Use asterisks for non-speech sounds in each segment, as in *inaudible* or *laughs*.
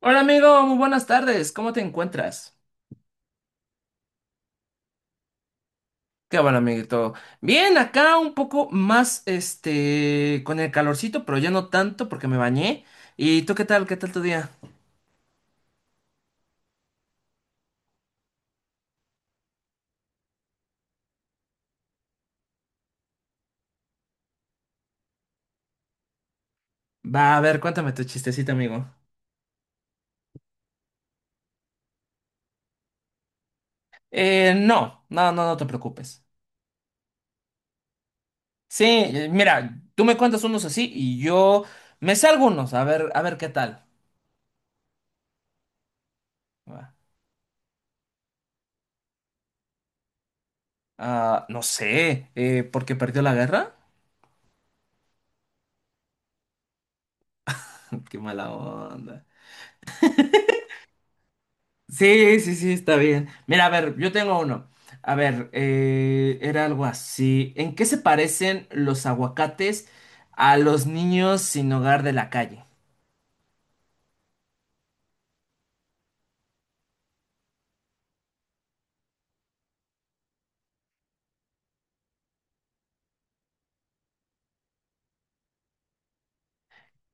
Hola amigo, muy buenas tardes, ¿cómo te encuentras? Qué bueno amiguito. Bien, acá un poco más, con el calorcito, pero ya no tanto porque me bañé. ¿Y tú qué tal? ¿Qué tal tu día? Va, a ver, cuéntame tu chistecito, amigo. No, no, no, no te preocupes. Sí, mira, tú me cuentas unos así y yo me sé algunos, a ver qué tal. Va. Ah, no sé, ¿por qué perdió la guerra? *laughs* Qué mala onda. Sí, sí, sí, está bien. Mira, a ver, yo tengo uno. A ver, era algo así. ¿En qué se parecen los aguacates a los niños sin hogar de la calle?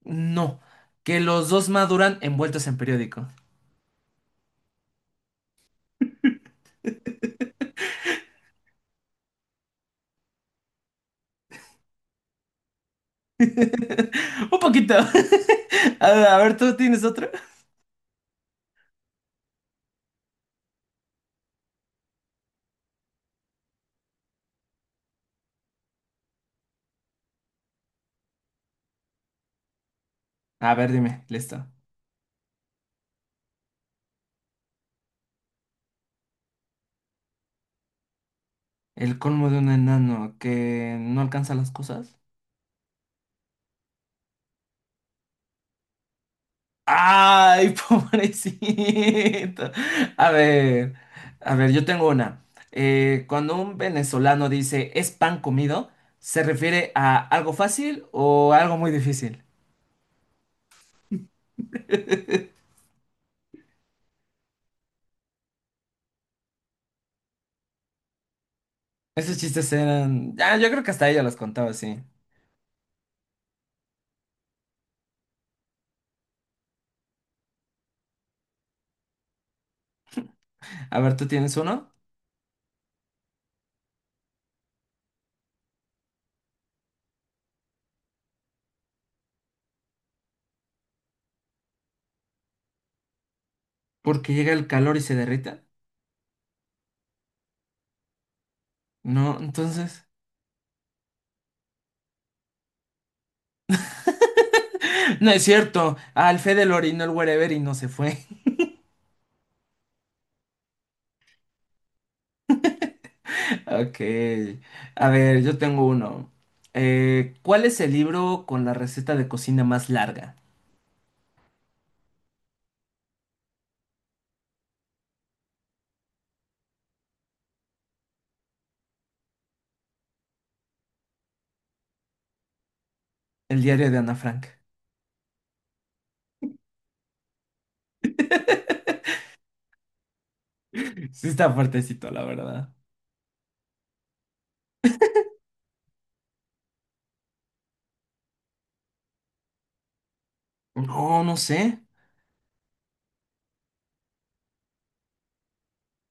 No, que los dos maduran envueltos en periódico. *laughs* Un poquito. *laughs* A ver, ¿tú tienes otro? A ver, dime, listo. El colmo de un enano que no alcanza las cosas. Ay, *laughs* pobrecito. A ver, a ver, yo tengo una. Cuando un venezolano dice es pan comido, ¿se refiere a algo fácil o algo muy difícil? Esos chistes eran... Ah, yo creo que hasta ella los contaba, sí. A ver, ¿tú tienes uno? Porque llega el calor y se derrita. No, entonces... *laughs* No es cierto. Al Fede lo orinó el wherever y no se fue. Ok. A ver, yo tengo uno. ¿Cuál es el libro con la receta de cocina más larga? El diario de Ana Frank. *laughs* Sí está fuertecito, la verdad. No, no sé.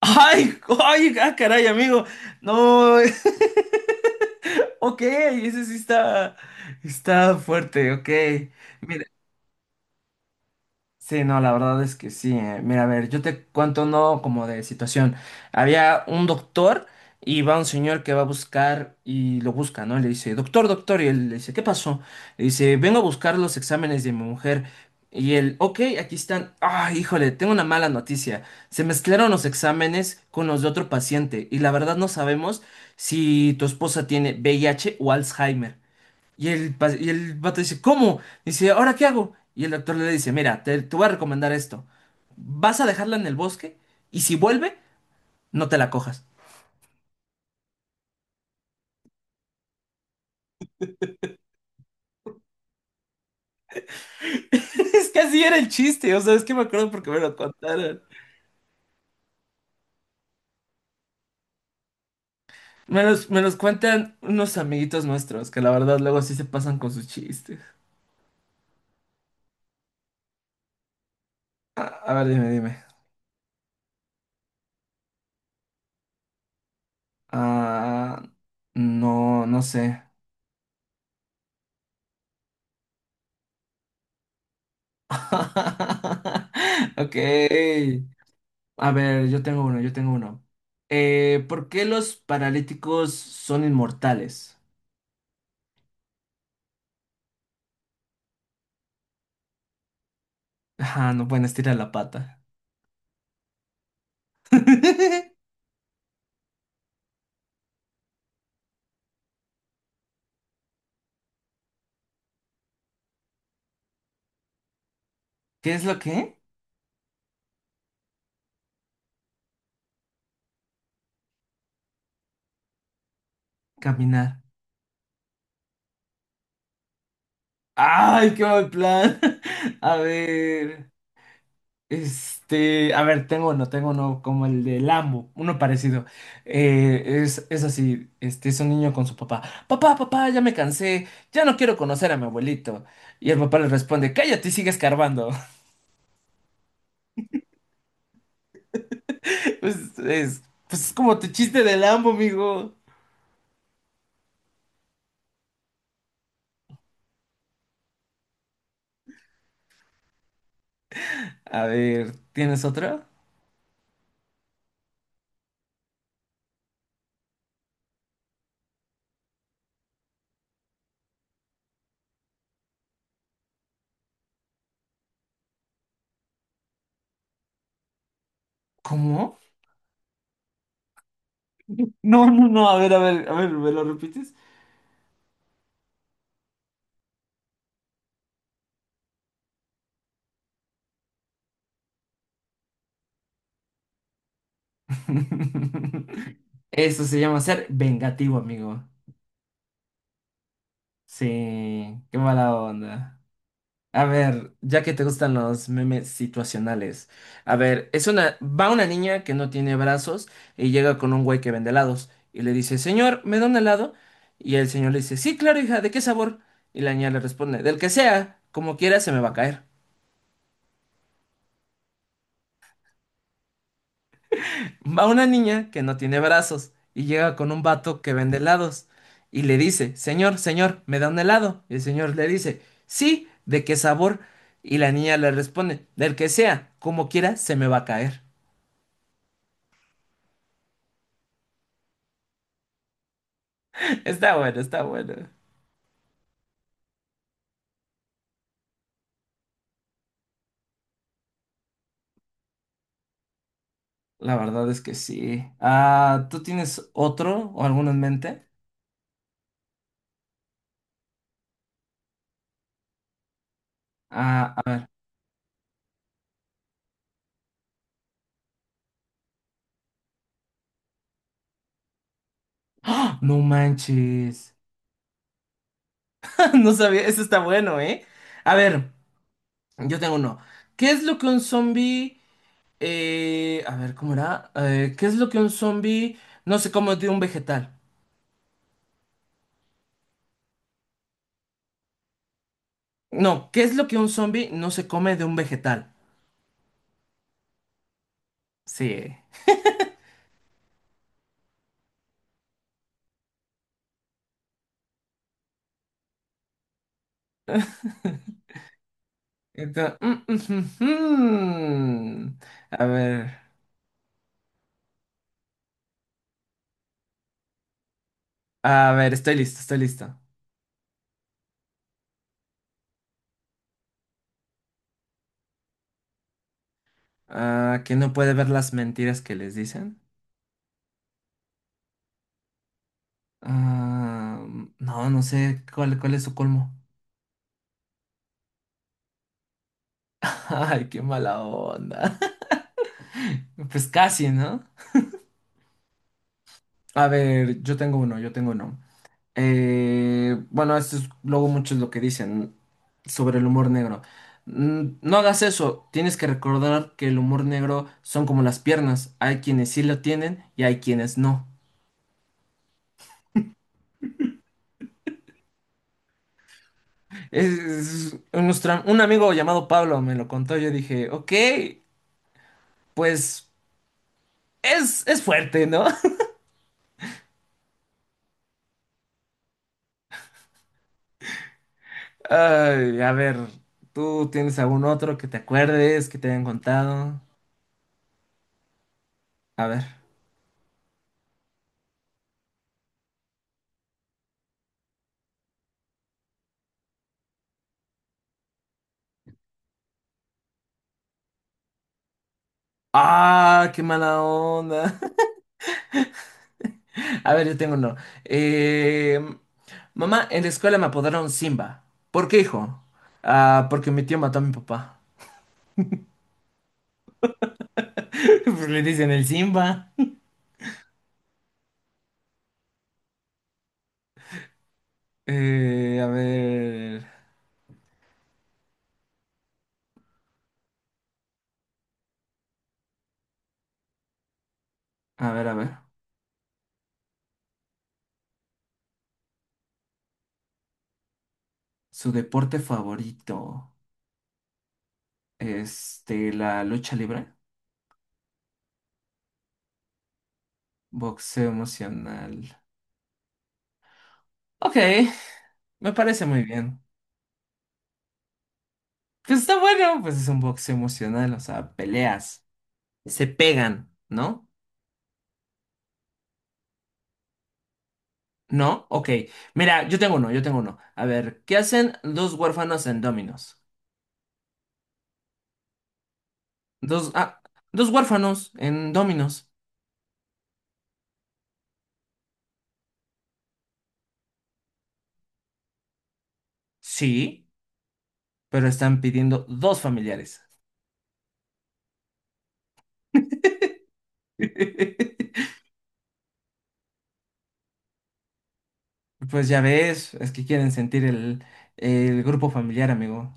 ¡Ay! ¡Ay! ¡Ah, caray, amigo! No. *laughs* Ok, está fuerte, ok. Mira. Sí, no, la verdad es que sí. Mira, a ver, yo te cuento no como de situación. Había un doctor y va un señor que va a buscar y lo busca, ¿no? Le dice, doctor, doctor, y él le dice, ¿qué pasó? Le dice, vengo a buscar los exámenes de mi mujer. Y él, ok, aquí están. Ah, híjole, tengo una mala noticia. Se mezclaron los exámenes con los de otro paciente y la verdad no sabemos si tu esposa tiene VIH o Alzheimer. Y el vato dice, ¿cómo? Dice, ¿ahora qué hago? Y el doctor le dice, mira, te voy a recomendar esto. Vas a dejarla en el bosque y si vuelve, no te la cojas. *laughs* Es que así era el chiste, o sea, es que me acuerdo porque me lo contaron. Me los cuentan unos amiguitos nuestros que la verdad luego sí se pasan con sus chistes. A ver, dime, dime. Ah, no, no sé. *laughs* Ok. A ver, yo tengo uno. ¿Por qué los paralíticos son inmortales? *laughs* Ah, no pueden estirar la pata. *laughs* ¿Qué es lo que? Caminar. ¡Ay, qué mal plan! *laughs* A ver, a ver, tengo uno como el de Lambo, uno parecido. Es así, es un niño con su papá. Papá, papá, ya me cansé, ya no quiero conocer a mi abuelito. Y el papá le responde, cállate y sigue escarbando. Pues es, pues es como tu chiste del Lambo, amigo. A ver, ¿tienes otra? ¿Cómo? No, no, no, a ver, ¿me lo repites? *laughs* Eso se llama ser vengativo, amigo. Sí, qué mala onda. A ver, ya que te gustan los memes situacionales. A ver, va una niña que no tiene brazos y llega con un güey que vende helados y le dice, señor, ¿me da un helado? Y el señor le dice, sí, claro, hija, ¿de qué sabor? Y la niña le responde, del que sea, como quiera, se me va a caer. Va una niña que no tiene brazos y llega con un vato que vende helados y le dice, señor, señor, ¿me da un helado? Y el señor le dice, sí, ¿de qué sabor? Y la niña le responde, del que sea, como quiera, se me va a caer. Está bueno, está bueno. La verdad es que sí. Ah, ¿tú tienes otro o alguno en mente? Ah, a ver. ¡Ah! No manches. *laughs* No sabía, eso está bueno, ¿eh? A ver, yo tengo uno. ¿Qué es lo que un zombie... a ver, ¿cómo era? ¿Qué es lo que un zombie no se come de un vegetal? No, ¿qué es lo que un zombie no se come de un vegetal? Sí. *laughs* Entonces, mm, mm, mm. A ver, a ver, estoy listo, estoy listo. Ah, que no puede ver las mentiras que les dicen. Ah, no, no sé cuál es su colmo. *laughs* Ay, qué mala onda. *laughs* Pues casi, ¿no? A ver, yo tengo uno. Bueno, esto es luego mucho es lo que dicen sobre el humor negro. No hagas eso, tienes que recordar que el humor negro son como las piernas. Hay quienes sí lo tienen y hay quienes no. Un amigo llamado Pablo me lo contó, yo dije, ok, pues. Es fuerte, ¿no? *laughs* Ay, a ver, ¿tú tienes algún otro que te acuerdes, que te hayan contado? A ver. ¡Ah, qué mala onda! *laughs* A ver, yo tengo uno. Eh, mamá, en la escuela me apodaron Simba. ¿Por qué, hijo? Ah, porque mi tío mató a mi papá. *laughs* Pues le dicen el Simba. Eh, a ver, a ver. Su deporte favorito. La lucha libre. Boxeo emocional. Ok. Me parece muy bien. Pues está bueno, pues es un boxeo emocional, o sea, peleas, se pegan, ¿no? ¿No? Ok. Mira, yo tengo uno. A ver, ¿qué hacen dos huérfanos en Dominos? Dos, ah, dos huérfanos en Dominos. Sí, pero están pidiendo dos familiares. *laughs* Pues ya ves, es que quieren sentir el grupo familiar, amigo.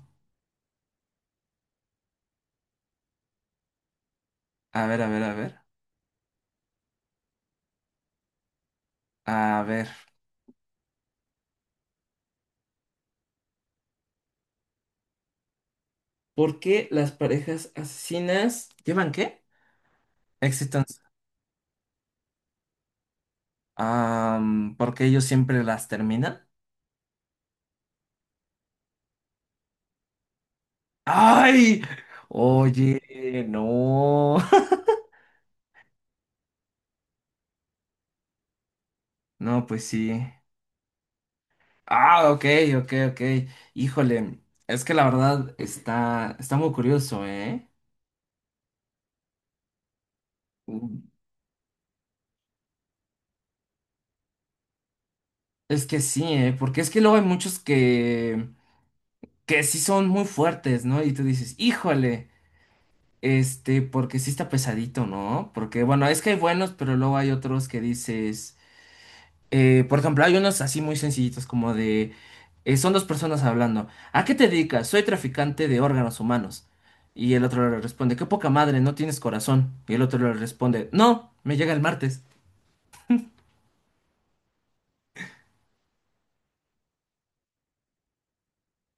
A ver. A ver. ¿Por qué las parejas asesinas llevan qué? Existan porque ellos siempre las terminan. ¡Ay! Oye, no. *laughs* No, pues sí. Ah, ok, ok. Híjole, es que la verdad está muy curioso, ¿eh? Mm, Es que sí, ¿eh? Porque es que luego hay muchos que sí son muy fuertes, ¿no? Y tú dices, híjole, porque sí está pesadito, ¿no? Porque, bueno, es que hay buenos, pero luego hay otros que dices... por ejemplo, hay unos así muy sencillitos como de... son dos personas hablando. ¿A qué te dedicas? Soy traficante de órganos humanos. Y el otro le responde, qué poca madre, no tienes corazón. Y el otro le responde, no, me llega el martes.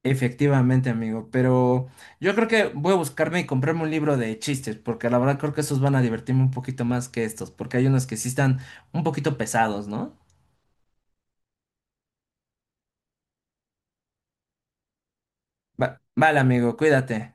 Efectivamente, amigo, pero yo creo que voy a buscarme y comprarme un libro de chistes, porque la verdad creo que esos van a divertirme un poquito más que estos, porque hay unos que sí están un poquito pesados, ¿no? Vale, amigo, cuídate.